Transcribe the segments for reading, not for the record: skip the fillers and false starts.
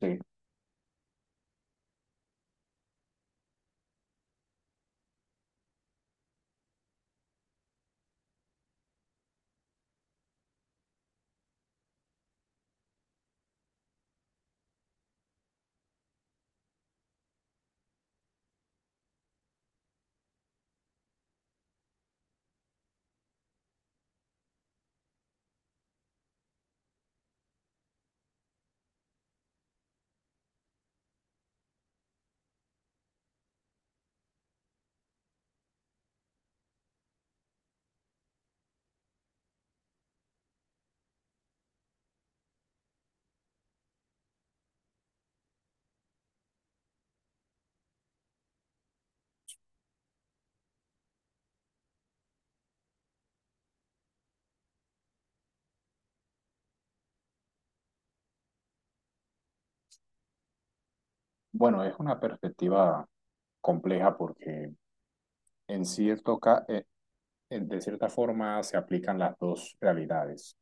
Sí, bueno, es una perspectiva compleja porque en cierto ca- eh, de cierta forma se aplican las dos realidades.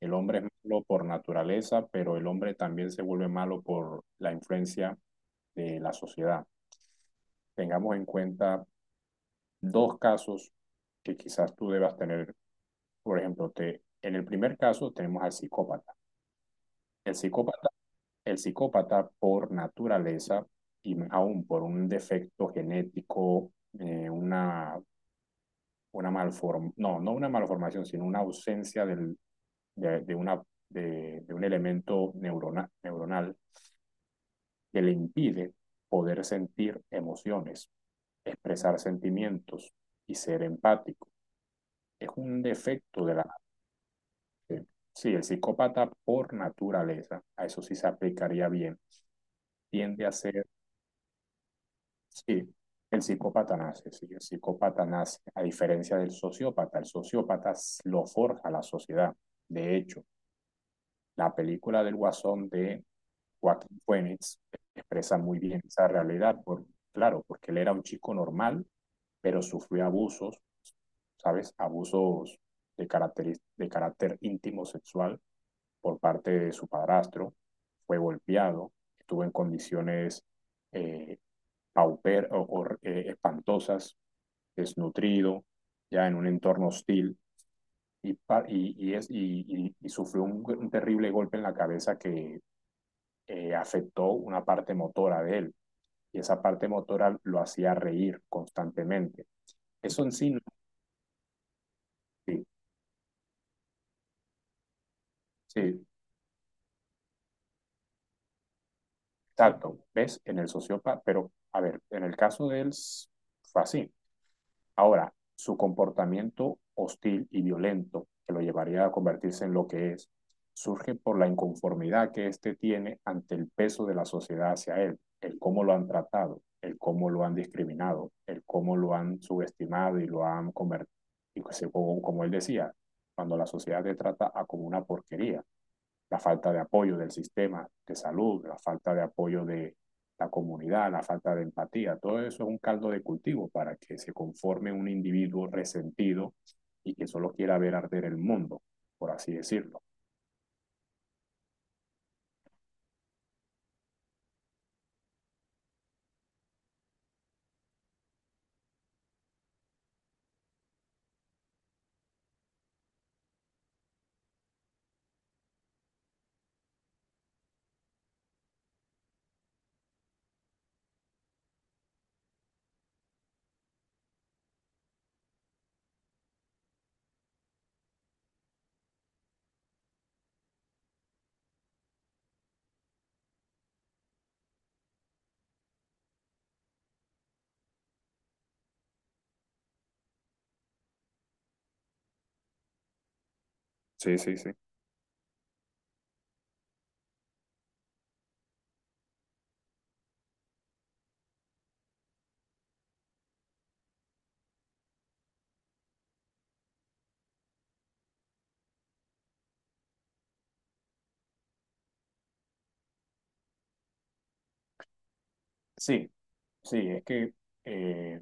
El hombre es malo por naturaleza, pero el hombre también se vuelve malo por la influencia de la sociedad. Tengamos en cuenta dos casos que quizás tú debas tener. Por ejemplo, en el primer caso tenemos al psicópata. El psicópata, el psicópata por naturaleza y aún por un defecto genético, eh, una una malformación, no, no una malformación, sino una ausencia del, de, una, de un elemento neuronal que le impide poder sentir emociones, expresar sentimientos y ser empático. Es un defecto de la... De, sí, el psicópata por naturaleza, a eso sí se aplicaría bien, tiende a ser, sí, el psicópata nace, a diferencia del sociópata, el sociópata lo forja la sociedad. De hecho, la película del Guasón de Joaquín Phoenix expresa muy bien esa realidad, claro, porque él era un chico normal, pero sufrió abusos, ¿sabes? Abusos de carácter íntimo sexual por parte de su padrastro, fue golpeado, estuvo en condiciones eh, pauper o espantosas, desnutrido, ya en un entorno hostil, y, y sufrió un terrible golpe en la cabeza que afectó una parte motora de él y esa parte motora lo hacía reír constantemente. Eso en sí, sí, sí, exacto, ves, en el sociópata, pero a ver, en el caso de él fue así. Ahora, su comportamiento hostil y violento, que lo llevaría a convertirse en lo que es, surge por la inconformidad que éste tiene ante el peso de la sociedad hacia él, el cómo lo han tratado, el cómo lo han discriminado, el cómo lo han subestimado y lo han convertido, como él decía, cuando la sociedad te trata a como una porquería, la falta de apoyo del sistema de salud, la falta de apoyo de la comunidad, la falta de empatía, todo eso es un caldo de cultivo para que se conforme un individuo resentido y que solo quiera ver arder el mundo, por así decirlo. Sí, sí, sí. Sí, sí, es que eh,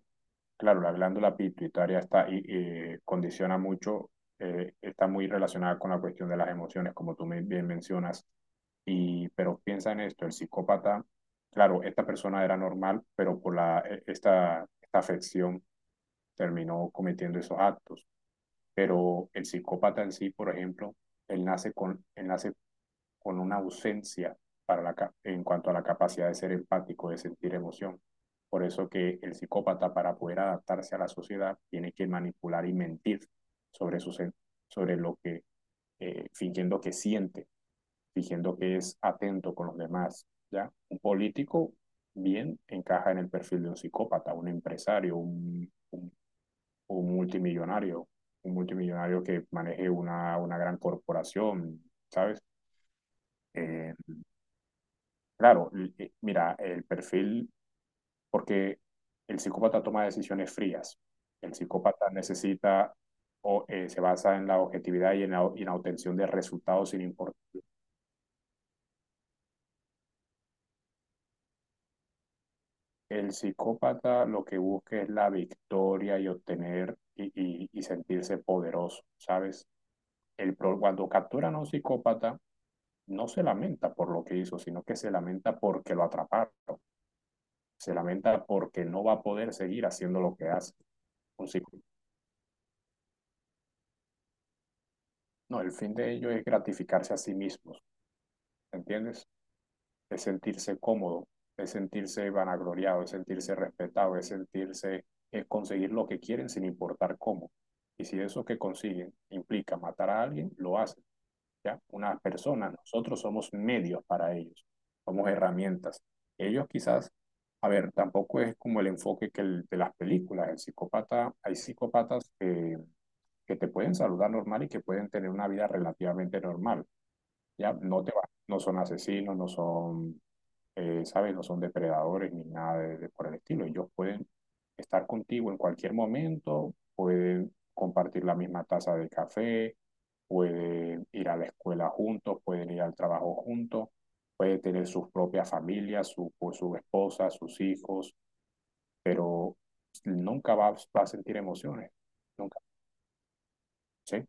claro, la glándula pituitaria condiciona mucho, está muy relacionada con la cuestión de las emociones, como tú bien mencionas. Y pero piensa en esto, el psicópata, claro, esta persona era normal, pero por esta afección terminó cometiendo esos actos. Pero el psicópata en sí, por ejemplo, él nace con una ausencia para la, en cuanto a la capacidad de ser empático, de sentir emoción. Por eso que el psicópata, para poder adaptarse a la sociedad, tiene que manipular y mentir sobre, su, sobre lo que, fingiendo que siente, fingiendo que es atento con los demás. ¿Ya? Un político bien encaja en el perfil de un psicópata, un empresario, un multimillonario, un multimillonario que maneje una gran corporación, ¿sabes? Eh, Claro, mira, el perfil, porque el psicópata toma decisiones frías. El psicópata necesita o se basa en la objetividad y en la obtención de resultados sin importar. El psicópata lo que busca es la victoria y obtener y, y sentirse poderoso, ¿sabes? Cuando capturan a un psicópata, no se lamenta por lo que hizo, sino que se lamenta porque lo atraparon. Se lamenta porque no va a poder seguir haciendo lo que hace. Un psicópata No, el fin de ello es gratificarse a sí mismos, ¿entiendes? Es sentirse cómodo, es sentirse vanagloriado, es sentirse respetado, es sentirse, es conseguir lo que quieren sin importar cómo. Y si eso que consiguen implica matar a alguien, lo hacen, ¿ya? Una persona, nosotros somos medios para ellos, somos herramientas. Ellos quizás, a ver, tampoco es como el enfoque que el, de las películas, el psicópata, hay psicópatas que te pueden saludar normal y que pueden tener una vida relativamente normal, ya no te vas, no son asesinos, no son, ¿sabes? No son depredadores ni nada de, de por el estilo. Ellos pueden estar contigo en cualquier momento, pueden compartir la misma taza de café, pueden ir a la escuela juntos, pueden ir al trabajo juntos, pueden tener sus propias familias, o su esposa, sus hijos, pero nunca va a sentir emociones. Nunca. Sí,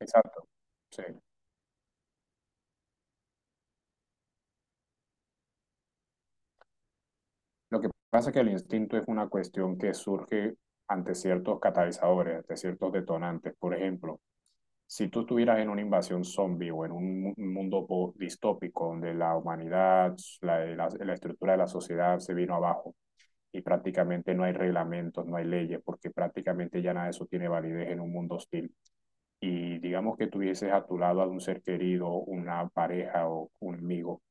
exacto. Sí. Lo que pasa es que el instinto es una cuestión que surge ante ciertos catalizadores, ante ciertos detonantes. Por ejemplo, si tú estuvieras en una invasión zombie o en un mundo distópico donde la humanidad, la estructura de la sociedad se vino abajo y prácticamente no hay reglamentos, no hay leyes, porque prácticamente ya nada de eso tiene validez en un mundo hostil, y digamos que tuvieses a tu lado a un ser querido, una pareja o un amigo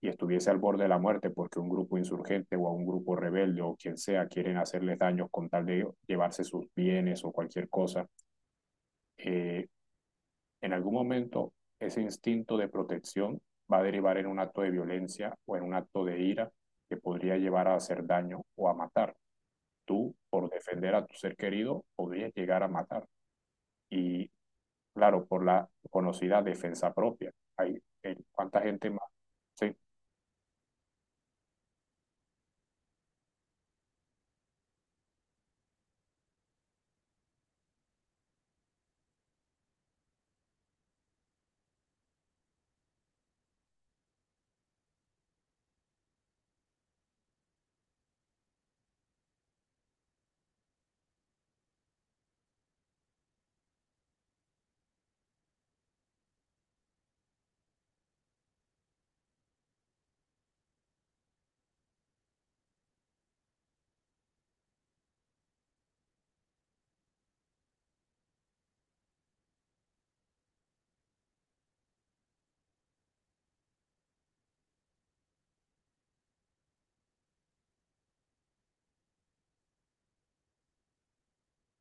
y estuviese al borde de la muerte porque un grupo insurgente o a un grupo rebelde o quien sea quieren hacerles daños con tal de llevarse sus bienes o cualquier cosa, eh, en algún momento ese instinto de protección va a derivar en un acto de violencia o en un acto de ira que podría llevar a hacer daño o a matar. Tú, por defender a tu ser querido, podrías llegar a matar. Y claro, por la conocida defensa propia. Hay, ¿cuánta gente más? Sí,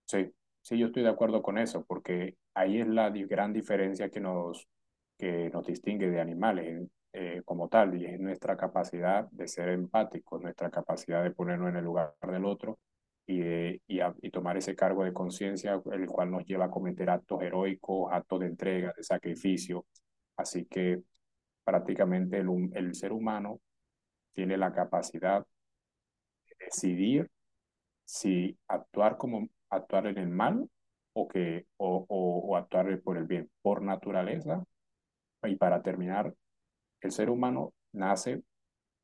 sí, sí, yo estoy de acuerdo con eso, porque ahí es la gran diferencia que nos distingue de animales como tal, y es nuestra capacidad de ser empáticos, nuestra capacidad de ponernos en el lugar del otro y tomar ese cargo de conciencia, el cual nos lleva a cometer actos heroicos, actos de entrega, de sacrificio. Así que prácticamente el ser humano tiene la capacidad decidir si actuar, como actuar en el mal o, que, o actuar por el bien. Por naturaleza, y para terminar, el ser humano nace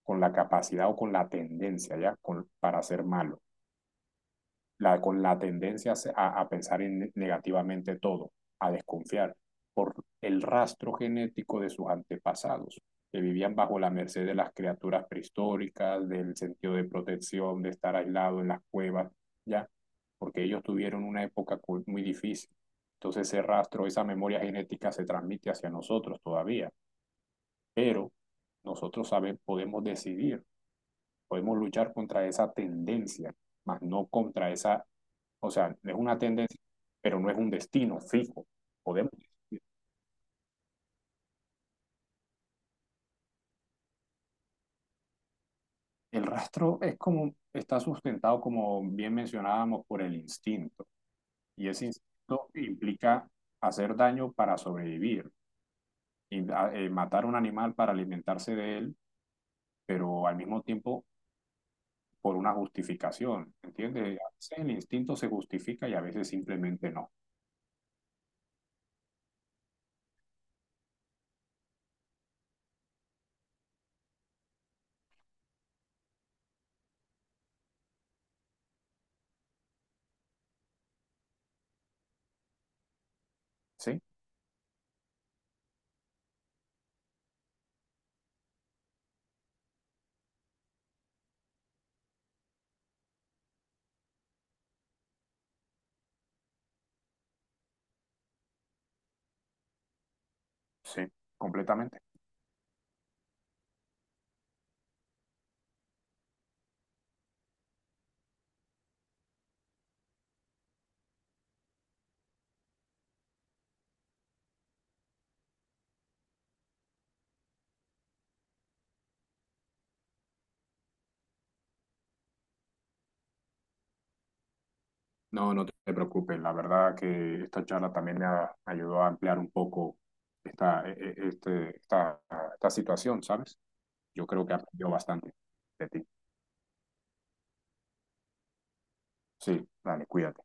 con la capacidad o con la tendencia ya con, para ser malo. Con la tendencia a pensar en negativamente todo, a desconfiar por el rastro genético de sus antepasados, que vivían bajo la merced de las criaturas prehistóricas, del sentido de protección, de estar aislado en las cuevas, ¿ya? Porque ellos tuvieron una época muy difícil. Entonces ese rastro, esa memoria genética se transmite hacia nosotros todavía, pero nosotros sabemos, podemos decidir, podemos luchar contra esa tendencia, más no contra esa, o sea, es una tendencia, pero no es un destino fijo. Podemos decir. El rastro es como, está sustentado, como bien mencionábamos, por el instinto. Y ese instinto implica hacer daño para sobrevivir, y, matar a un animal para alimentarse de él, pero al mismo tiempo por una justificación. ¿Entiendes? A veces el instinto se justifica y a veces simplemente no. ¿Sí? Sí, completamente. No, no te preocupes. La verdad que esta charla también me ayudó a ampliar un poco esta, e- e- este, esta situación, ¿sabes? Yo creo que aprendió bastante de ti. Sí, dale, cuídate.